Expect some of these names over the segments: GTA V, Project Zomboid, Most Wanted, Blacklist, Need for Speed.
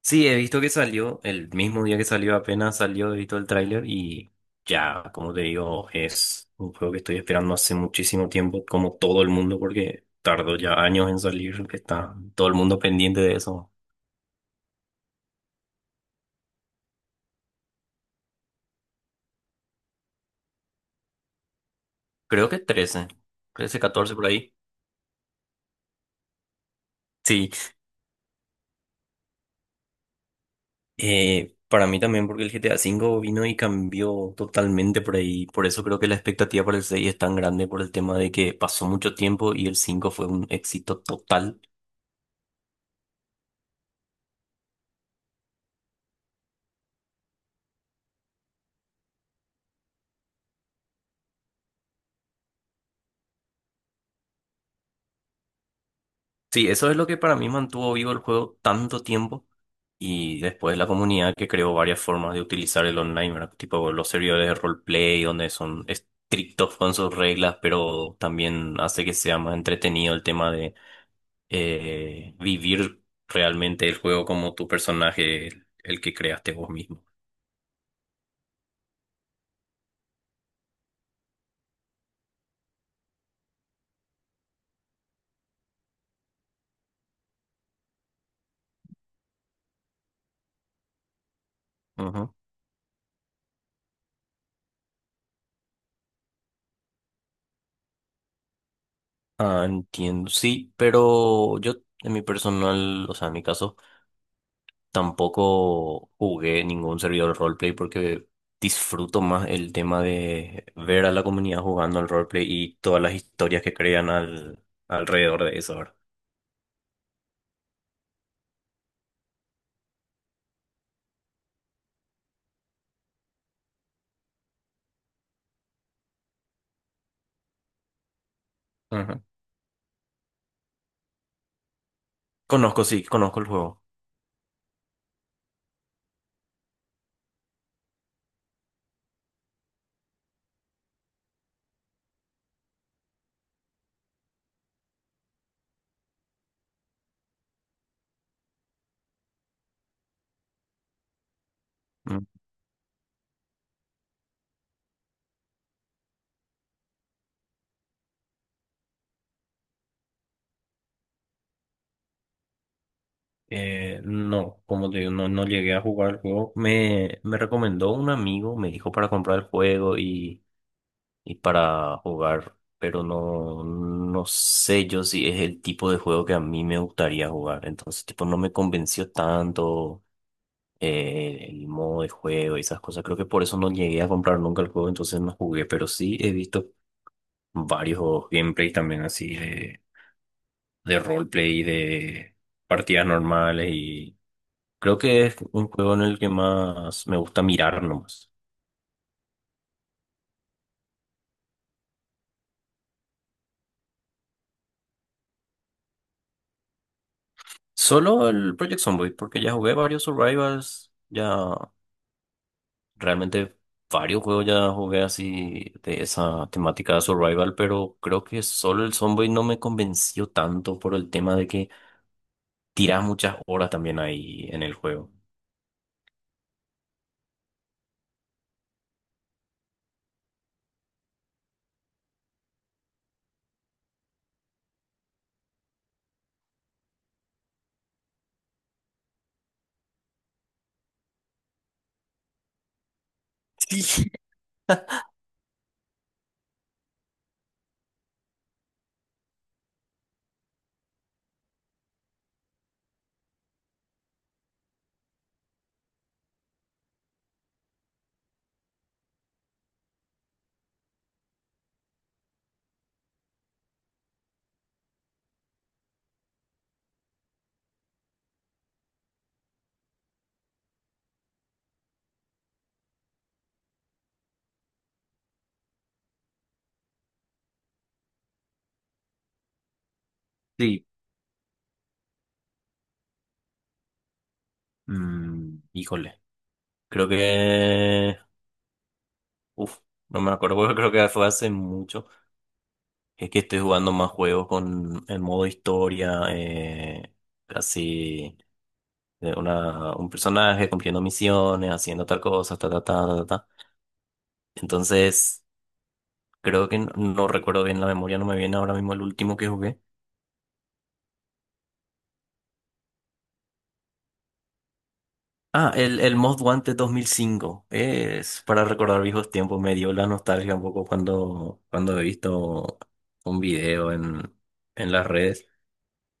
Sí, he visto que salió, el mismo día que salió, apenas salió, he visto el tráiler y ya, como te digo, es un juego que estoy esperando hace muchísimo tiempo, como todo el mundo, porque tardó ya años en salir, que está todo el mundo pendiente de eso. Creo que trece, 14 por ahí. Sí, para mí también, porque el GTA V vino y cambió totalmente por ahí, por eso creo que la expectativa para el 6 es tan grande por el tema de que pasó mucho tiempo y el 5 fue un éxito total. Sí, eso es lo que para mí mantuvo vivo el juego tanto tiempo y después la comunidad que creó varias formas de utilizar el online, ¿verdad? Tipo los servidores de roleplay donde son estrictos con sus reglas, pero también hace que sea más entretenido el tema de vivir realmente el juego como tu personaje, el que creaste vos mismo. Ujú. Ah, entiendo, sí, pero yo en mi personal, o sea, en mi caso... Tampoco jugué ningún servidor roleplay porque disfruto más el tema de ver a la comunidad jugando al roleplay y todas las historias que crean alrededor de eso, ¿verdad? Ajá. Conozco, sí, conozco el juego. Mm. No, como te digo, no, no llegué a jugar el juego. Me recomendó un amigo, me dijo para comprar el juego y para jugar, pero no, no sé yo si es el tipo de juego que a mí me gustaría jugar. Entonces, tipo, no me convenció tanto. El modo de juego y esas cosas. Creo que por eso no llegué a comprar nunca el juego, entonces no jugué, pero sí he visto varios gameplays también así de roleplay, de partidas normales, y creo que es un juego en el que más me gusta mirar nomás. Solo el Project Zomboid, porque ya jugué varios Survivals, ya realmente varios juegos ya jugué así de esa temática de Survival, pero creo que solo el Zomboid no me convenció tanto por el tema de que tirás muchas horas también ahí en el juego. Sí. Sí. Mm, híjole. Creo que... Uf, no me acuerdo porque creo que fue hace mucho. Es que estoy jugando más juegos con el modo historia, casi de una, un personaje cumpliendo misiones, haciendo tal cosa, ta, ta, ta, ta, ta. Ta. Entonces, creo que no, no recuerdo bien la memoria, no me viene ahora mismo el último que jugué. Ah, el Most Wanted 2005. Es para recordar viejos tiempos. Me dio la nostalgia un poco cuando, cuando he visto un video en las redes.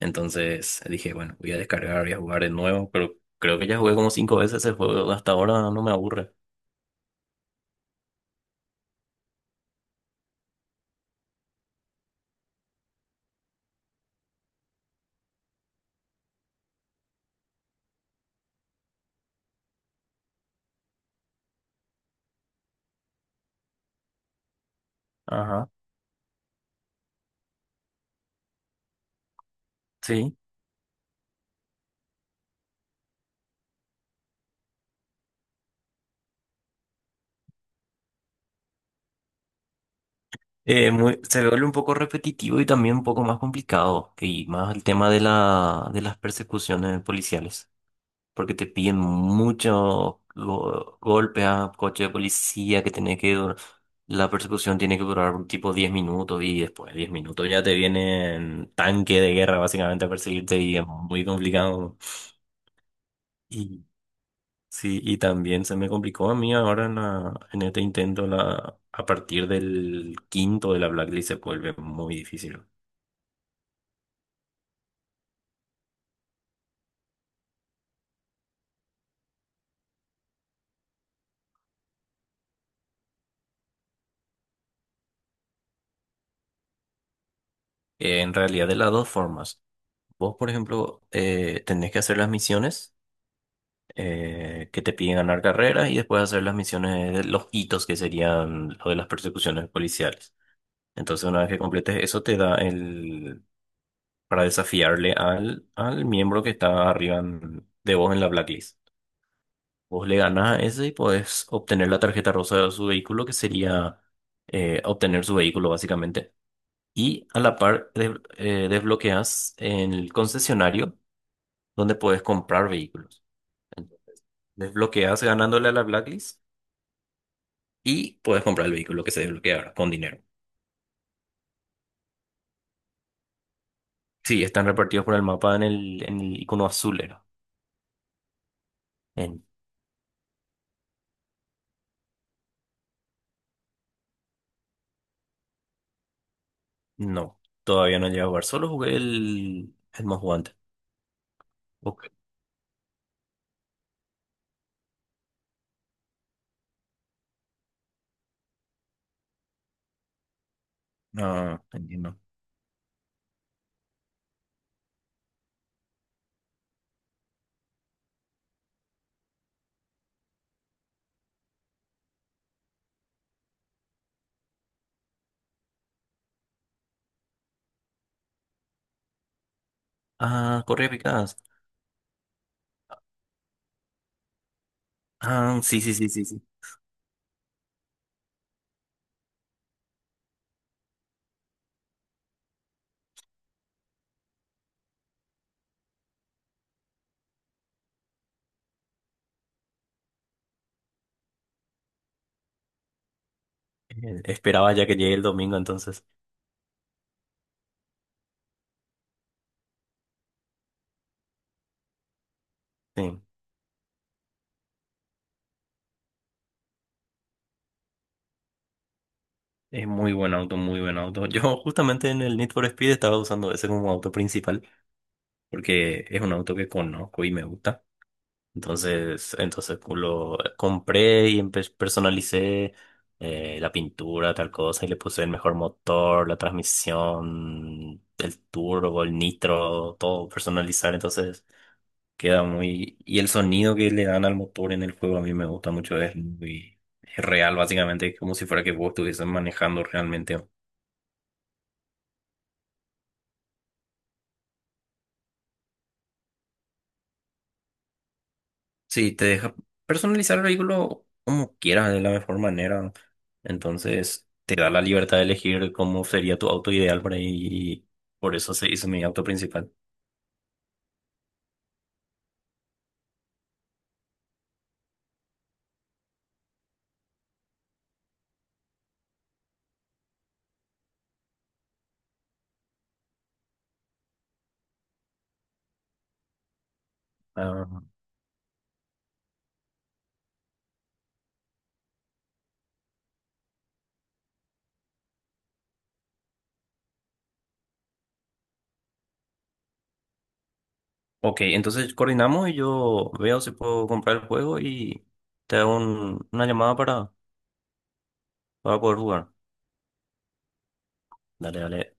Entonces dije, bueno, voy a descargar, voy a jugar de nuevo. Pero creo que ya jugué como cinco veces ese juego. Hasta ahora no me aburre. Ajá. Sí. Muy- se vuelve un poco repetitivo y también un poco más complicado. Y más el tema de la, de las persecuciones policiales. Porque te piden muchos go- golpe a coche de policía que tiene que dur- la persecución tiene que durar tipo 10 minutos y después de 10 minutos ya te vienen tanque de guerra básicamente a perseguirte y es muy complicado. Y sí, y también se me complicó a mí ahora en, la- en este intento la, a partir del quinto de la Blacklist se vuelve muy difícil. En realidad de las dos formas. Vos, por ejemplo, tenés que hacer las misiones que te piden ganar carreras y después hacer las misiones, de los hitos que serían lo de las persecuciones policiales. Entonces, una vez que completes eso, te da el para desafiarle al, al miembro que está arriba en- de vos en la blacklist. Vos le ganas a ese y podés obtener la tarjeta rosa de su vehículo, que sería obtener su vehículo básicamente. Y a la par de- desbloqueas el concesionario donde puedes comprar vehículos. Entonces desbloqueas ganándole a la Blacklist y puedes comprar el vehículo que se desbloquea ahora con dinero. Sí, están repartidos por el mapa en el icono azul, era. En- no, todavía no he llegado a jugar. Solo jugué el Most Wanted. Ok. No, entiendo. Ah, corre eficaz. Ah, sí, sí, sí, sí, sí. Esperaba ya que llegue el domingo, entonces. Sí, es muy buen auto, muy buen auto. Yo justamente en el Need for Speed estaba usando ese como auto principal, porque es un auto que conozco y me gusta. Entonces, entonces pues, lo compré y empe- personalicé la pintura, tal cosa, y le puse el mejor motor, la transmisión, el turbo, el nitro, todo personalizar. Entonces queda muy... Y el sonido que le dan al motor en el juego a mí me gusta mucho, es muy, es real, básicamente, como si fuera que vos estuvieses manejando realmente. Sí, te deja personalizar el vehículo como quieras, de la mejor manera. Entonces, te da la libertad de elegir cómo sería tu auto ideal por ahí. Y por eso se hizo mi auto principal. Ah, ok, entonces coordinamos y yo veo si puedo comprar el juego y te hago un- una llamada para poder jugar. Dale, dale.